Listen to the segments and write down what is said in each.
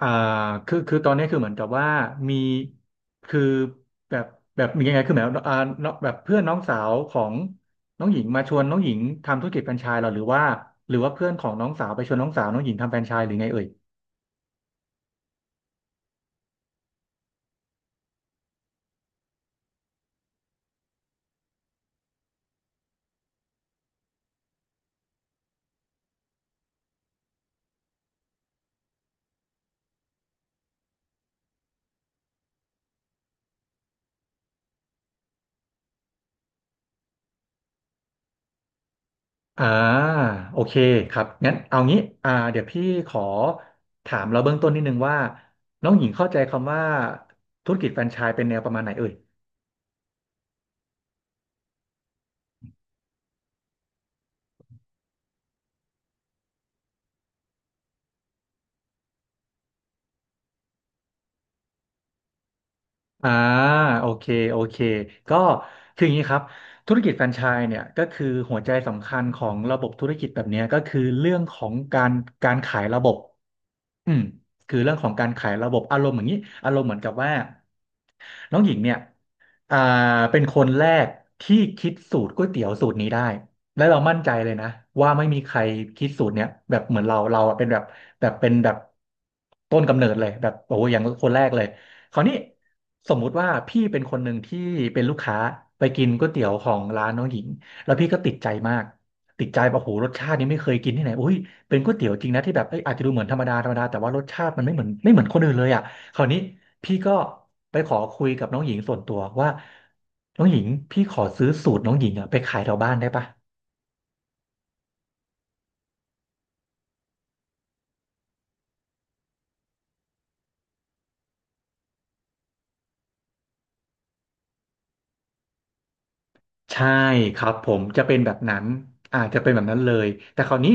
อ่าคือตอนนี้คือเหมือนกับว่ามีคือแบบแบบมียังไงคือหมายว่าน้องแบบเพื่อนน้องสาวของน้องหญิงมาชวนน้องหญิงทำธุรกิจแฟรนไชส์เหราหรือว่าเพื่อนของน้องสาวไปชวนน้องสาวน้องหญิงทำแฟรนไชส์หรือไงเอ่ยอ่าโอเคครับงั้นเอางี้เดี๋ยวพี่ขอถามเราเบื้องต้นนิดนึงว่าน้องหญิงเข้าใจคำว่าธุรกิจแฟรนไชส์เป็นแนวประมาณไหนเอ่ย อ่าโอเคโอเคก็คืออย่างนี้ครับธุรกิจแฟรนไชส์เนี่ยก็คือหัวใจสำคัญของระบบธุรกิจแบบเนี้ยก็คือเรื่องของการขายระบบ อืมคือเรื่องของการขายระบบอารมณ์อย่างนี้อารมณ์เหมือนกับว่าน้องหญิงเนี่ยอ่าเป็นคนแรกที่คิดสูตรก๋วยเตี๋ยวสูตรนี้ได้และเรามั่นใจเลยนะว่าไม่มีใครคิดสูตรเนี้ยแบบเหมือนเราอะเป็นแบบแบบเป็นแบบต้นกำเนิดเลยแบบโอ้โหอย่างคนแรกเลยคราวนี้สมมุติว่าพี่เป็นคนหนึ่งที่เป็นลูกค้าไปกินก๋วยเตี๋ยวของร้านน้องหญิงแล้วพี่ก็ติดใจมากติดใจแบบโอ้โหรสชาตินี้ไม่เคยกินที่ไหนอุ้ย เป็นก๋วยเตี๋ยวจริงนะที่แบบเอ้ยอาจจะดูเหมือนธรรมดาธรรมดาแต่ว่ารสชาติมันไม่เหมือนคนอื่นเลยอ่ะคราวนี้พี่ก็ไปขอคุยกับน้องหญิงส่วนตัวว่าน้องหญิงพี่ขอซื้อสูตรน้องหญิงอ่ะไปขายแถวบ้านได้ปะ ใช่ครับผมจะเป็นแบบนั้นอาจจะเป็นแบบนั้นเลยแต่คราวนี้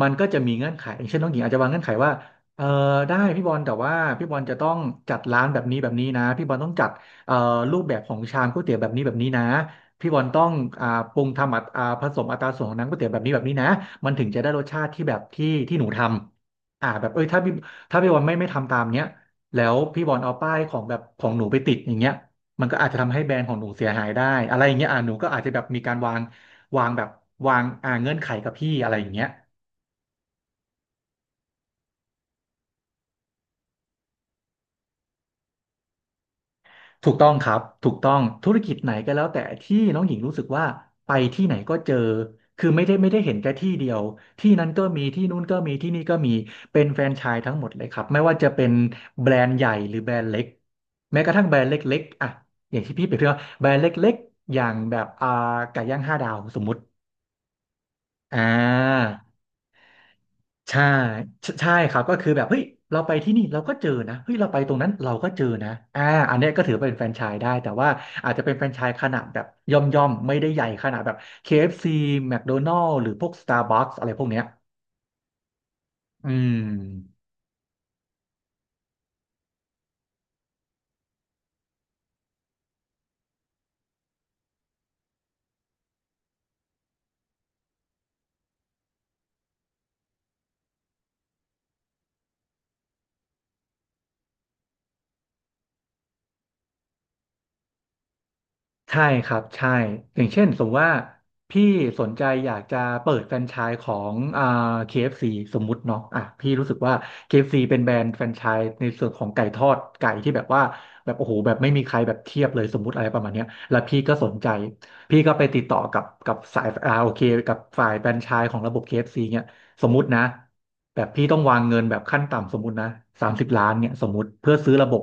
มันก็จะมีเงื่อนไขอย่างเช่นน้องหญิงอาจจะวางเงื่อนไขว่าเออได้พี่บอลแต่ว่าพี่บอลจะต้องจัดร้านแบบนี้แบบนี้นะพี่บอลต้องจัดเอ่อรูปแบบของชามก๋วยเตี๋ยวแบบนี้แบบนี้นะพี่บอลต้องอ่าปรุงทำอัตอ่าผสมอัตราส่วนของน้ำก๋วยเตี๋ยวแบบนี้แบบนี้นะมันถึงจะได้รสชาติที่แบบที่หนูทำแบบเอ้ยถ้าพี่บอลไม่ทำตามเนี้ยแล้วพี่บอลเอาป้ายของแบบของหนูไปติดอย่างเงี้ย มันก็อาจจะทำให้แบรนด์ของหนูเสียหายได้อะไรอย่างเงี้ยอ่ะหนูก็อาจจะแบบมีการวางแบบวางเงื่อนไขกับพี่อะไรอย่างเงี้ยถูกต้องครับถูกต้องธุรกิจไหนก็แล้วแต่ที่น้องหญิงรู้สึกว่าไปที่ไหนก็เจอคือไม่ได้เห็นแค่ที่เดียวที่นั้นก็มีที่นู้นก็มีที่นี่ก็มีเป็นแฟรนไชส์ทั้งหมดเลยครับไม่ว่าจะเป็นแบรนด์ใหญ่หรือแบรนด์เล็กแม้กระทั่งแบรนด์เล็กๆอ่ะอย่างที่พี่เปรียบเทียบว่าแบรนด์เล็กๆอย่างแบบไก่ย่างห้าดาวสมมุติอ่า ใช่ใช่ใช่ครับก็คือแบบเฮ้ยเราไปที่นี่เราก็เจอนะเฮ้ยเราไปตรงนั้นเราก็เจอนะอ่าอันเนี้ยก็ถือเป็นแฟรนไชส์ได้แต่ว่าอาจจะเป็นแฟรนไชส์ขนาดแบบย่อมไม่ได้ใหญ่ขนาดแบบ KFC McDonald's หรือพวก Starbucks อะไรพวกเนี้ยอืม ใช่ครับใช่อย่างเช่นสมมติว่าพี่สนใจอยากจะเปิดแฟรนไชส์ของKFC สมมุติเนาะอ่ะพี่รู้สึกว่า KFC เอฟซีเป็นแบรนด์แฟรนไชส์ในส่วนของไก่ทอดที่แบบว่าแบบโอ้โหแบบไม่มีใครแบบเทียบเลยสมมุติอะไรประมาณเนี้ยแล้วพี่ก็สนใจพี่ก็ไปติดต่อกับสายโอเคกับฝ่ายแฟรนไชส์ของระบบ KFC เอฟซีเนี่ยสมมุตินะแบบพี่ต้องวางเงินแบบขั้นต่ำสมมุตินะ30 ล้านเนี่ยสมมุติเพื่อซื้อระบบ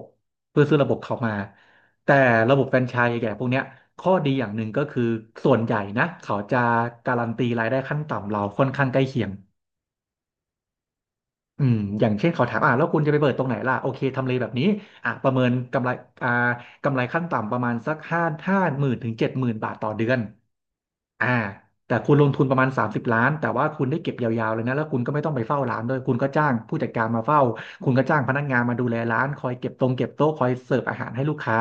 เพื่อซื้อระบบเขามา แต่ระบบแฟรนไชส์แก่พวกเนี้ยข้อดีอย่างหนึ่งก็คือส่วนใหญ่นะเขาจะการันตีรายได้ขั้นต่ำเราค่อนข้างใกล้เคียงอืมอย่างเช่นเขาถามอ่ะแล้วคุณจะไปเปิดตรงไหนล่ะโอเคทำเลแบบนี้อ่ะประเมินกำไรอ่ากำไรขั้นต่ำประมาณสักห้าหมื่นถึง70,000บาทต่อเดือน อ่าแต่คุณลงทุนประมาณ30 ล้านแต่ว่าคุณได้เก็บยาวๆเลยนะแล้วคุณก็ไม่ต้องไปเฝ้าร้านด้วยคุณก็จ้างผู้จัดการมาเฝ้าคุณก็จ้างพนักงานมาดูแลร้านคอยเก็บตรงเก็บโต๊ะคอยเสิร์ฟอาหารให้ลูกค้า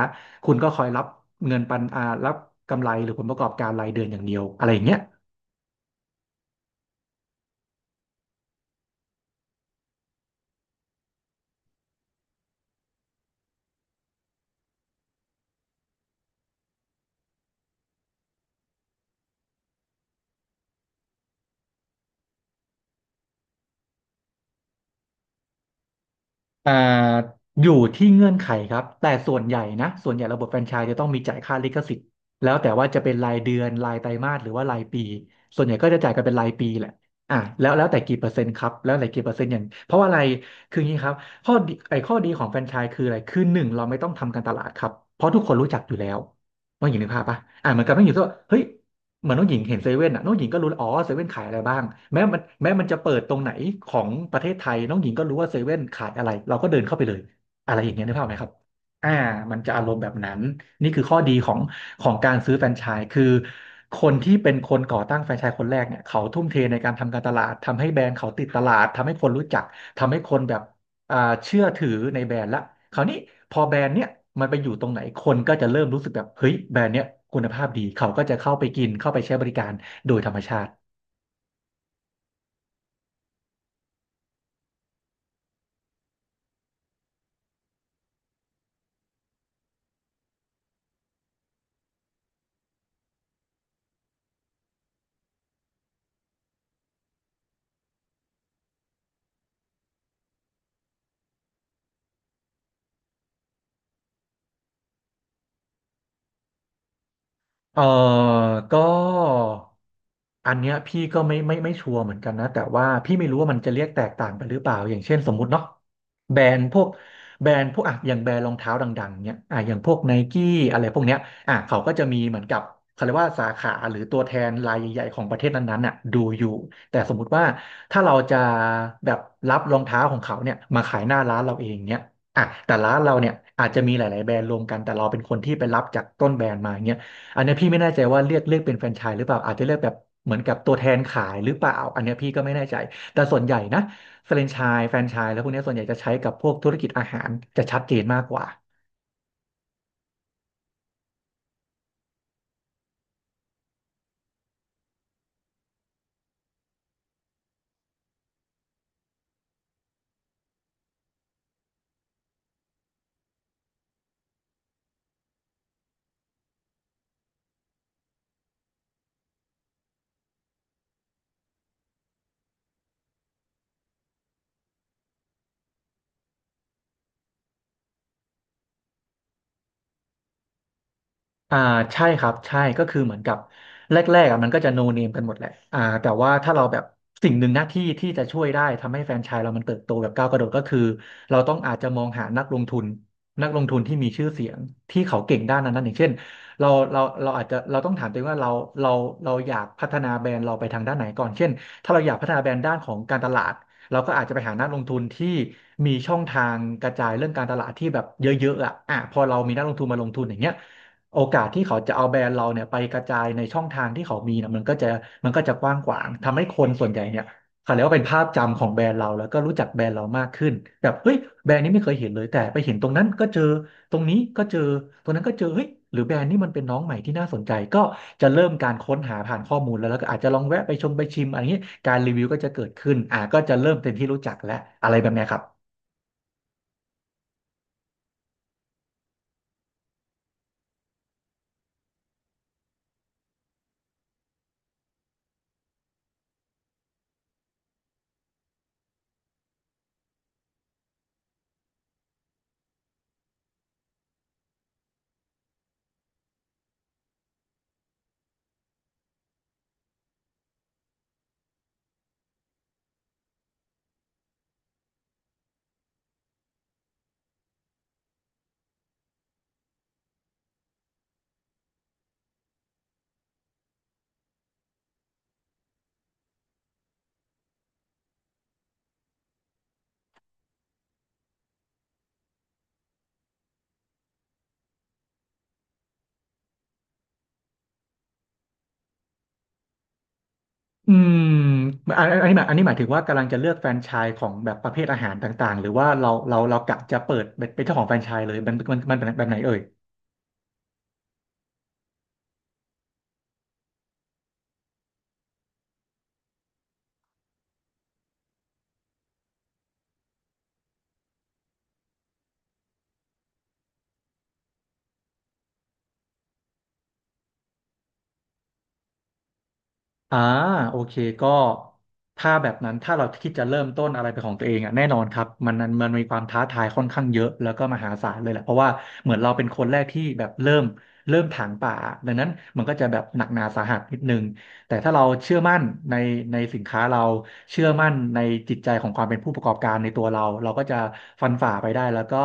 คุณก็คอยรับเงินปันอ่ารับกำไรหรือผลประกอบการรายเดือนอย่างเดียวอะไรอย่างเงี้ย อ่าอยู่ที่เงื่อนไขครับแต่ส่วนใหญ่นะส่วนใหญ่ระบบแฟรนไชส์จะต้องมีจ่ายค่าลิขสิทธิ์แล้วแต่ว่าจะเป็นรายเดือนรายไตรมาสหรือว่ารายปีส่วนใหญ่ก็จะจ่ายกันเป็นรายปีแหละอ่ะแล้วแต่กี่เปอร์เซ็นต์ครับแล้วแต่กี่เปอร์เซ็นต์อย่างเพราะว่าอะไรคืออย่างนี้ครับข้อดีของแฟรนไชส์คืออะไรคือหนึ่งเราไม่ต้องทำการตลาดครับเพราะทุกคนรู้จักอยู่แล้วว่าอย่างนึกภาพปะอ่ะเหมือนกับไม่อยู่ที่ว่าเฮ้ย เหมือนน้องหญิงเห็นเซเว่นอ่ะน้องหญิงก็รู้แล้วอ๋อเซเว่นขายอะไรบ้างแม้มันจะเปิดตรงไหนของประเทศไทยน้องหญิงก็รู้ว่าเซเว่นขายอะไรเราก็เดินเข้าไปเลยอะไรอย่างเงี้ยนึกภาพไหมครับอ่ามันจะอารมณ์แบบนั้นนี่คือข้อดีของการซื้อแฟรนไชส์คือคนที่เป็นคนก่อตั้งแฟรนไชส์คนแรกเนี่ยเขาทุ่มเทในการทำการตลาดทำให้แบรนด์เขาติดตลาดทำให้คนรู้จักทำให้คนแบบ อ่าเชื่อถือในแบรนด์ละคราวนี้พอแบรนด์เนี้ยมันไปอยู่ตรงไหนคนก็จะเริ่มรู้สึกแบบเฮ้ยแบรนด์เนี้ยคุณภาพดีเขาก็จะเข้าไปกินเข้าไปใช้บริการโดยธรรมชาติ เออก็อันเนี้ยพี่ก็ไม่ชัวร์เหมือนกันนะแต่ว่าพี่ไม่รู้ว่ามันจะเรียกแตกต่างไปหรือเปล่าอย่างเช่นสมมุติเนาะแบรนด์พวกแบรนด์พวกอ่ะอย่างแบรนด์รองเท้าดังๆเนี่ยอ่ะอย่างพวกไนกี้อะไรพวกเนี้ยอ่ะเขาก็จะมีเหมือนกับเขาเรียกว่าสาขาหรือตัวแทนรายใหญ่ๆของประเทศนั้นๆน่ะดูอยู่แต่สมมุติว่าถ้าเราจะแบบรับรองเท้าของเขาเนี่ยมาขายหน้าร้านเราเองเนี่ยอ่ะแต่ร้านเราเนี่ยอาจจะมีหลายๆแบรนด์รวมกันแต่เราเป็นคนที่ไปรับจากต้นแบรนด์มาเนี่ย อันเนี้ยพี่ไม่แน่ใจว่าเรียกเป็นแฟรนไชส์หรือเปล่า อาจจะเรียกแบบเหมือนกับตัวแทนขายหรือเปล่า อันเนี้ยพี่ก็ไม่แน่ใจ แต่ส่วนใหญ่นะแฟรนไชส์แล้วพวกเนี้ยส่วนใหญ่จะใช้กับพวกธุรกิจอาหารจะชัดเจนมากกว่า อ่าใช่ครับใช่ก็คือเหมือนกับแรกๆอ่ะมันก็จะโนเนมกันหมดแหละอ่าแต่ว่าถ้าเราแบบสิ่งหนึ่งหน้าที่ที่จะช่วยได้ทำให้แฟรนไชส์เรามันเติบโตแบบก้าวกระโดดก็คือเราต้องอาจจะมองหานักลงทุนนักลงทุนที่มีชื่อเสียงที่เขาเก่งด้านนั้นนั้นอย่างเช่นเราเราเราอาจจะเราต้องถามตัวเองว่าเราเราอยากพัฒนาแบรนด์เราไปทางด้านไหนก่อนเช่นถ้าเราอยากพัฒนาแบรนด์ด้านของการตลาดเราก็อาจจะไปหานักลงทุนที่มีช่องทางกระจายเรื่องการตลาดที่แบบเยอะๆอ่ะอ่ะพอเรามีนักลงทุนมาลงทุนอย่างเงี้ย โอกาสที่เขาจะเอาแบรนด์เราเนี่ยไปกระจายในช่องทางที่เขามีนะมันก็จะกว้างขวางทำให้คนส่วนใหญ่เนี่ยเขาเรียกว่าเป็นภาพจำของแบรนด์เราแล้วก็รู้จักแบรนด์เรามากขึ้นแบบเฮ้ยแบรนด์นี้ไม่เคยเห็นเลยแต่ไปเห็นตรงนั้นก็เจอตรงนี้ก็เจอตรงนั้นก็เจอเฮ้ยหรือแบรนด์นี้มันเป็นน้องใหม่ที่น่าสนใจก็จะเริ่มการค้นหาผ่านข้อมูลแล้วแล้วก็อาจจะลองแวะไปชมไปชิมอะไรอย่างนี้การรีวิวก็จะเกิดขึ้นอ่าก็จะเริ่มเป็นที่รู้จักและอะไรแบบเนี้ยครับ อืมอันนี้หมายถึงว่ากำลังจะเลือกแฟรนไชส์ของแบบประเภทอาหารต่างๆหรือว่าเรากะจะเปิดเป็นเจ้าของแฟรนไชส์เลยมันแบบไหนเอ่ยอ่าโอเคก็ถ้าแบบนั้นถ้าเราคิดจะเริ่มต้นอะไรเป็นของตัวเองอ่ะแน่นอนครับมันมีความท้าทายค่อนข้างเยอะแล้วก็มหาศาลเลยแหละเพราะว่าเหมือนเราเป็นคนแรกที่แบบเริ่มถางป่าดังนั้นมันก็จะแบบหนักหนาสาหัสนิดนึง แต่ถ้าเราเชื่อมั่นในในสินค้าเราเชื่อมั่นในจิตใจของความเป็นผู้ประกอบการในตัวเราเราก็จะฟันฝ่าไปได้แล้วก็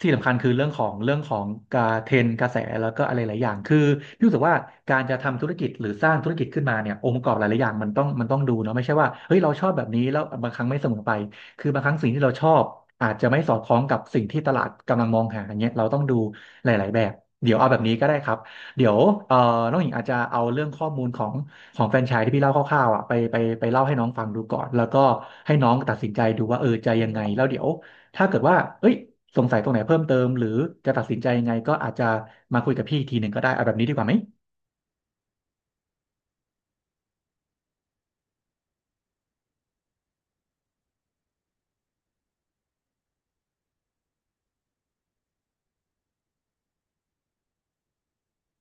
ที่สำคัญคือเรื่องของการเทรนด์กระแสแล้วก็อะไรหลายอย่างคือพี่รู้สึกว่าการจะทำธุรกิจหรือสร้างธุรกิจขึ้นมาเนี่ยองค์ประกอบหลายๆอย่างมันต้องดูเนาะไม่ใช่ว่าเฮ้ยเราชอบแบบนี้แล้วบางครั้งไม่เสมอไปคือบางครั้งสิ่งที่เราชอบอาจจะไม่สอดคล้องกับสิ่งที่ตลาดกำลังมองหาอย่างเงี้ยเราต้องดูหลายๆแบบเดี๋ยวเอาแบบนี้ก็ได้ครับเดี๋ยวเอ่อน้องหญิงอาจจะเอาเรื่องข้อมูลของ ของแฟรนไชส์ที่พี่เล่าคร่าวๆอ่ะไปเล่าให้น้องฟังดูก่อนแล้วก็ให้น้องตัดสินใจดูว่าเออจะยังไงแล้วเดี๋ยวถ้าเกิดว่าเอ้ยสงสัยตรงไหนเพิ่มเติมหรือจะตัดสินใจยังไงก็อาจจะมาคุยกับพี่อีกทีหนึ่งก็ได้เอาแบบนี้ดีกว่าไหม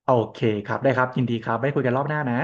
โอเคครับได้ครับยินดีครับไว้คุยกันรอบหน้านะ